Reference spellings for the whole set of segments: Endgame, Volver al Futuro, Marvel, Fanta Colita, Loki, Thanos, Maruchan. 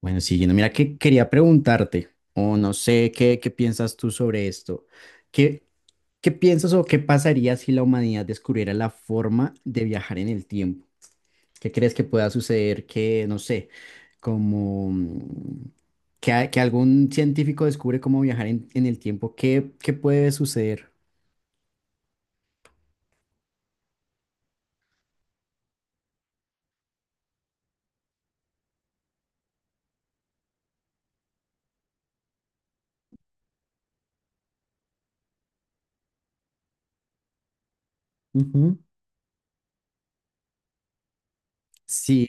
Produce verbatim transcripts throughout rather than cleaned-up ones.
Bueno, siguiendo, mira que quería preguntarte, o no sé qué, qué piensas tú sobre esto. ¿Qué, qué piensas o qué pasaría si la humanidad descubriera la forma de viajar en el tiempo? ¿Qué crees que pueda suceder? Que, no sé, como mm, que, a- que algún científico descubre cómo viajar en, en el tiempo, ¿qué, qué puede suceder? Ujú. Sí,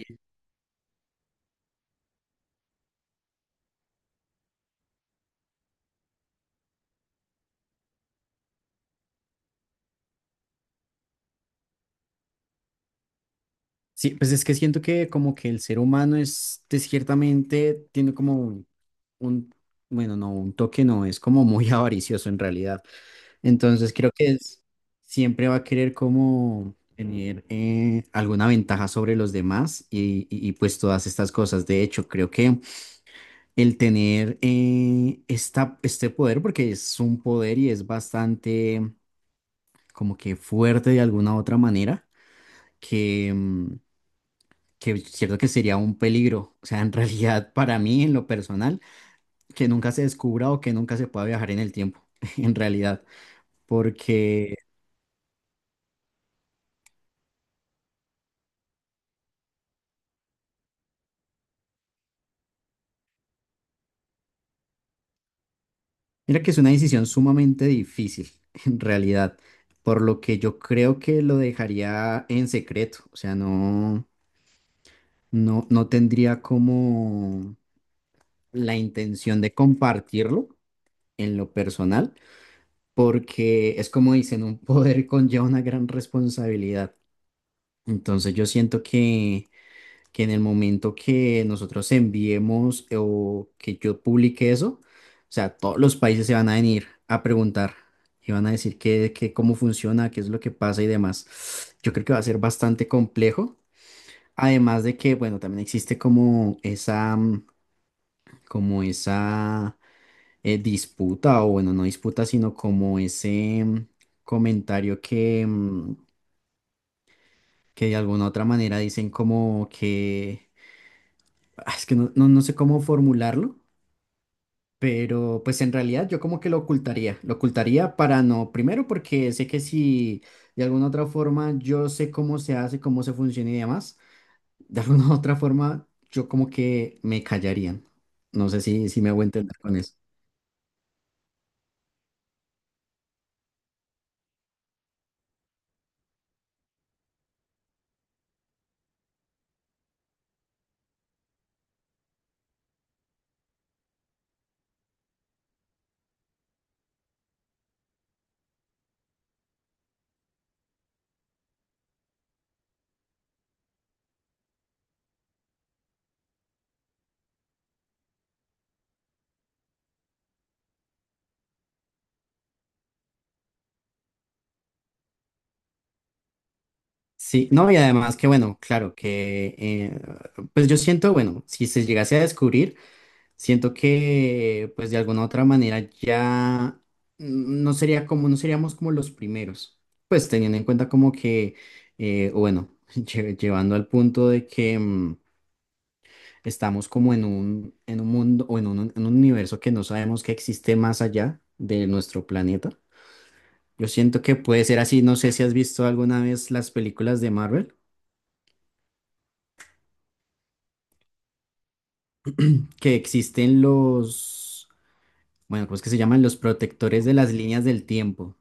sí, pues es que siento que como que el ser humano es de ciertamente, tiene como un, bueno, no, un toque no, es como muy avaricioso en realidad. Entonces creo que es, siempre va a querer como tener eh, alguna ventaja sobre los demás y, y- y, pues todas estas cosas. De hecho, creo que el tener eh, esta, este poder, porque es un poder y es bastante como que fuerte de alguna otra manera, que... mm, que es cierto que sería un peligro, o sea, en realidad para mí en lo personal, que nunca se descubra o que nunca se pueda viajar en el tiempo, en realidad, porque mira que es una decisión sumamente difícil, en realidad, por lo que yo creo que lo dejaría en secreto, o sea, no, no, no tendría como la intención de compartirlo en lo personal, porque es como dicen, un poder conlleva una gran responsabilidad. Entonces yo siento que que en el momento que nosotros enviemos o que yo publique eso, o sea, todos los países se van a venir a preguntar y van a decir qué, qué- cómo funciona, qué es lo que pasa y demás. Yo creo que va a ser bastante complejo. Además de que, bueno, también existe como esa, mm, como esa eh, disputa, o bueno, no disputa, sino como ese mm, comentario que, mm, que de alguna otra manera dicen como que, ah, es que no, no no sé cómo formularlo. Pero pues en realidad yo como que lo ocultaría, lo ocultaría para no, primero porque sé que si de alguna otra forma yo sé cómo se hace, cómo se funciona y demás, de alguna otra forma yo como que me callarían. No sé si, si me hago entender con eso. Sí, no, y además que bueno, claro, que eh, pues yo siento, bueno, si se llegase a descubrir, siento que, pues de alguna u otra manera ya mm, no sería como, no seríamos como los primeros. Pues teniendo en cuenta como que, eh, o bueno, lle- llevando al punto de que mm, estamos como en un, en un mundo o en un, en un universo que no sabemos que existe más allá de nuestro planeta. Yo siento que puede ser así. No sé si has visto alguna vez las películas de Marvel, que existen los, bueno, ¿cómo es que se llaman? Los protectores de las líneas del tiempo.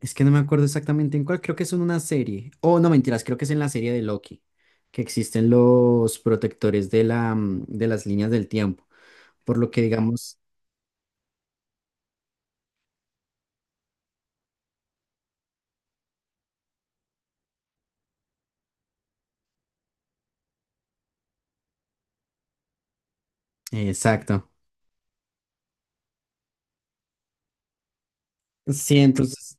Es que no me acuerdo exactamente en cuál, creo que es en una serie. Oh, no, mentiras, creo que es en la serie de Loki, que existen los protectores de la, mm, de las líneas del tiempo, por lo que digamos, exacto. Sí, entonces,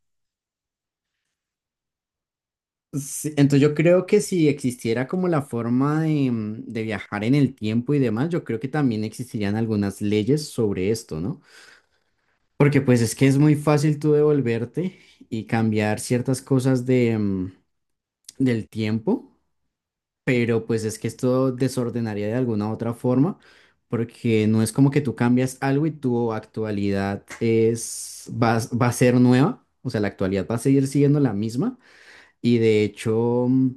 sí, entonces yo creo que si existiera como la forma de, mm, de viajar en el tiempo y demás, yo creo que también existirían algunas leyes sobre esto, ¿no? Porque pues es que es muy fácil tú devolverte y cambiar ciertas cosas de, mm, del tiempo, pero pues es que esto desordenaría de alguna u otra forma, porque no es como que tú cambias algo y tu actualidad es, va, a- va a ser nueva, o sea, la actualidad va a seguir siendo la misma y de hecho... mm,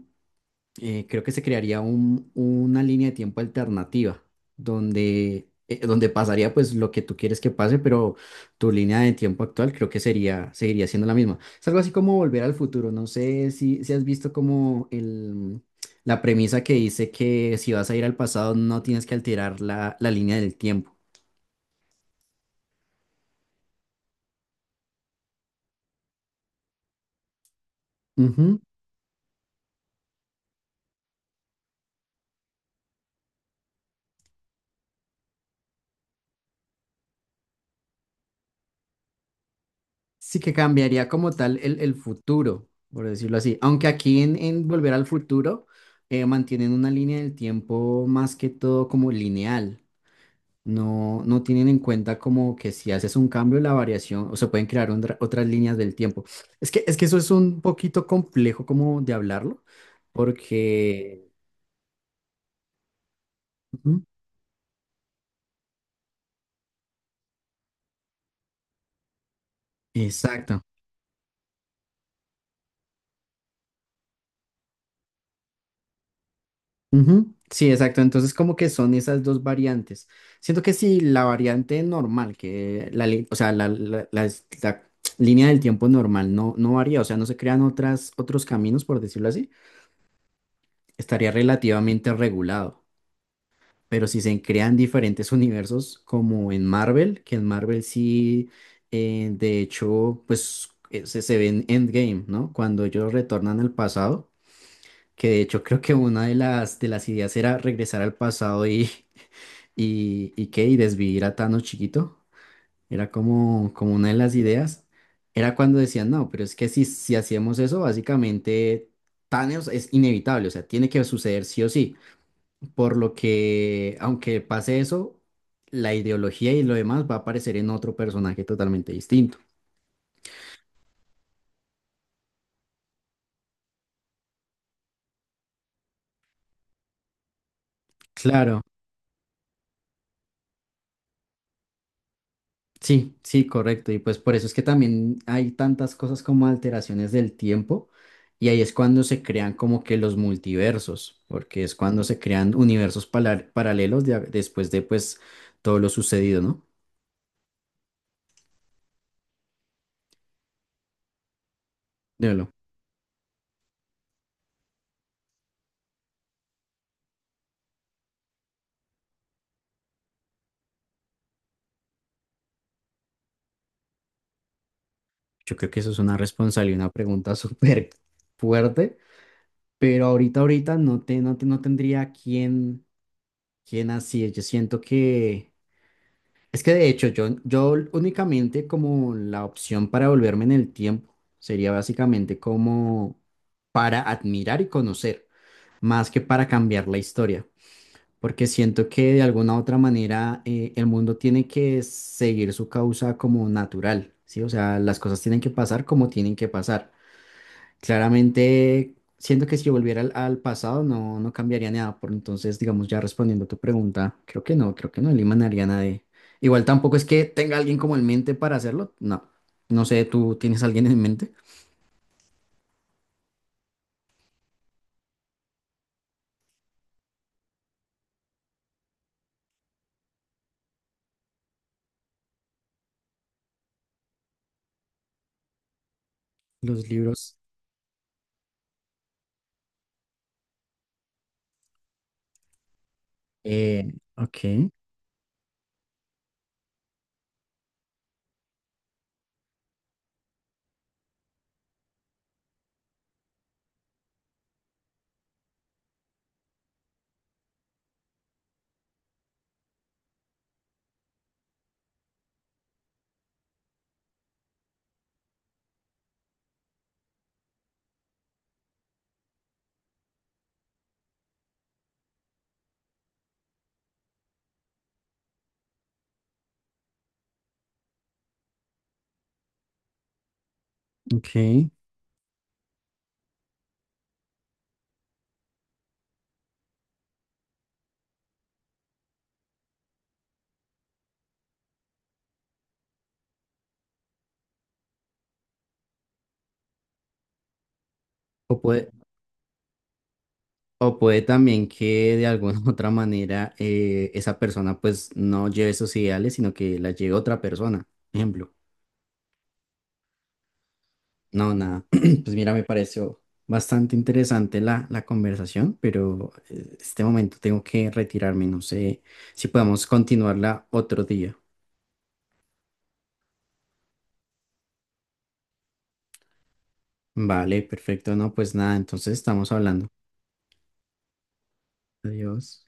eh, creo que se crearía un- una línea de tiempo alternativa donde, eh, donde pasaría pues lo que tú quieres que pase, pero tu línea de tiempo actual creo que sería, seguiría siendo la misma. Es algo así como volver al futuro. No sé si, si has visto como el, la premisa que dice que si vas a ir al pasado no tienes que alterar la, la línea del tiempo. Sí que cambiaría como tal el, el futuro, por decirlo así. Aunque aquí en, en Volver al Futuro eh, mantienen una línea del tiempo más que todo como lineal. No, no tienen en cuenta como que si haces un cambio, la variación, o se pueden crear ondra- otras líneas del tiempo. Es que, es que eso es un poquito complejo como de hablarlo, porque... Ujú. Exacto. Ujú, sí, exacto. Entonces, como que son esas dos variantes. Siento que si la variante normal, que la, li- o sea, la, la- la es- la línea del tiempo normal no, no varía, o sea, no se crean otras, otros caminos, por decirlo así, estaría relativamente regulado. Pero si se crean diferentes universos, como en Marvel, que en Marvel sí, eh, de hecho, pues eh, se, se ve en Endgame, ¿no? Cuando ellos retornan al pasado, que de hecho creo que una de las, de las ideas era regresar al pasado y y, y qué, y desvivir a Thanos chiquito. Era como, como una de las ideas. Era cuando decían, no, pero es que si, si hacíamos eso, básicamente Thanos es inevitable, o sea, tiene que suceder sí o sí. Por lo que, aunque pase eso, la ideología y lo demás va a aparecer en otro personaje totalmente distinto. Claro, sí, sí, correcto. Y pues por eso es que también hay tantas cosas como alteraciones del tiempo y ahí es cuando se crean como que los multiversos, porque es cuando se crean universos pala- paralelos de- después de pues todo lo sucedido, ¿no? Dímelo. Yo creo que eso es una responsabilidad, una pregunta súper fuerte, pero ahorita, ahorita no, te, no, te- no tendría quién, quién así. Es. Yo siento que... Es que de hecho yo, yo únicamente como la opción para volverme en el tiempo sería básicamente como para admirar y conocer, más que para cambiar la historia, porque siento que de alguna u otra manera eh, el mundo tiene que seguir su causa como natural, ¿sí? O sea, las cosas tienen que pasar como tienen que pasar. Claramente, siento que si yo volviera al, al pasado no, no cambiaría nada, por entonces, digamos, ya respondiendo a tu pregunta, creo que no, creo que no eliminaría a nadie. Igual tampoco es que tenga alguien como en mente para hacerlo, no. No sé, ¿tú tienes alguien en mente? Los libros. Eh, ok, ok. O puede, o puede también que de alguna u otra manera eh, esa persona pues no lleve esos ideales, sino que la lleve otra persona, ejemplo. No, nada. Pues mira, me pareció bastante interesante la, la conversación, pero eh, este momento tengo que retirarme. No sé si podemos continuarla otro día. Vale, perfecto. No, pues nada, entonces estamos hablando. Adiós.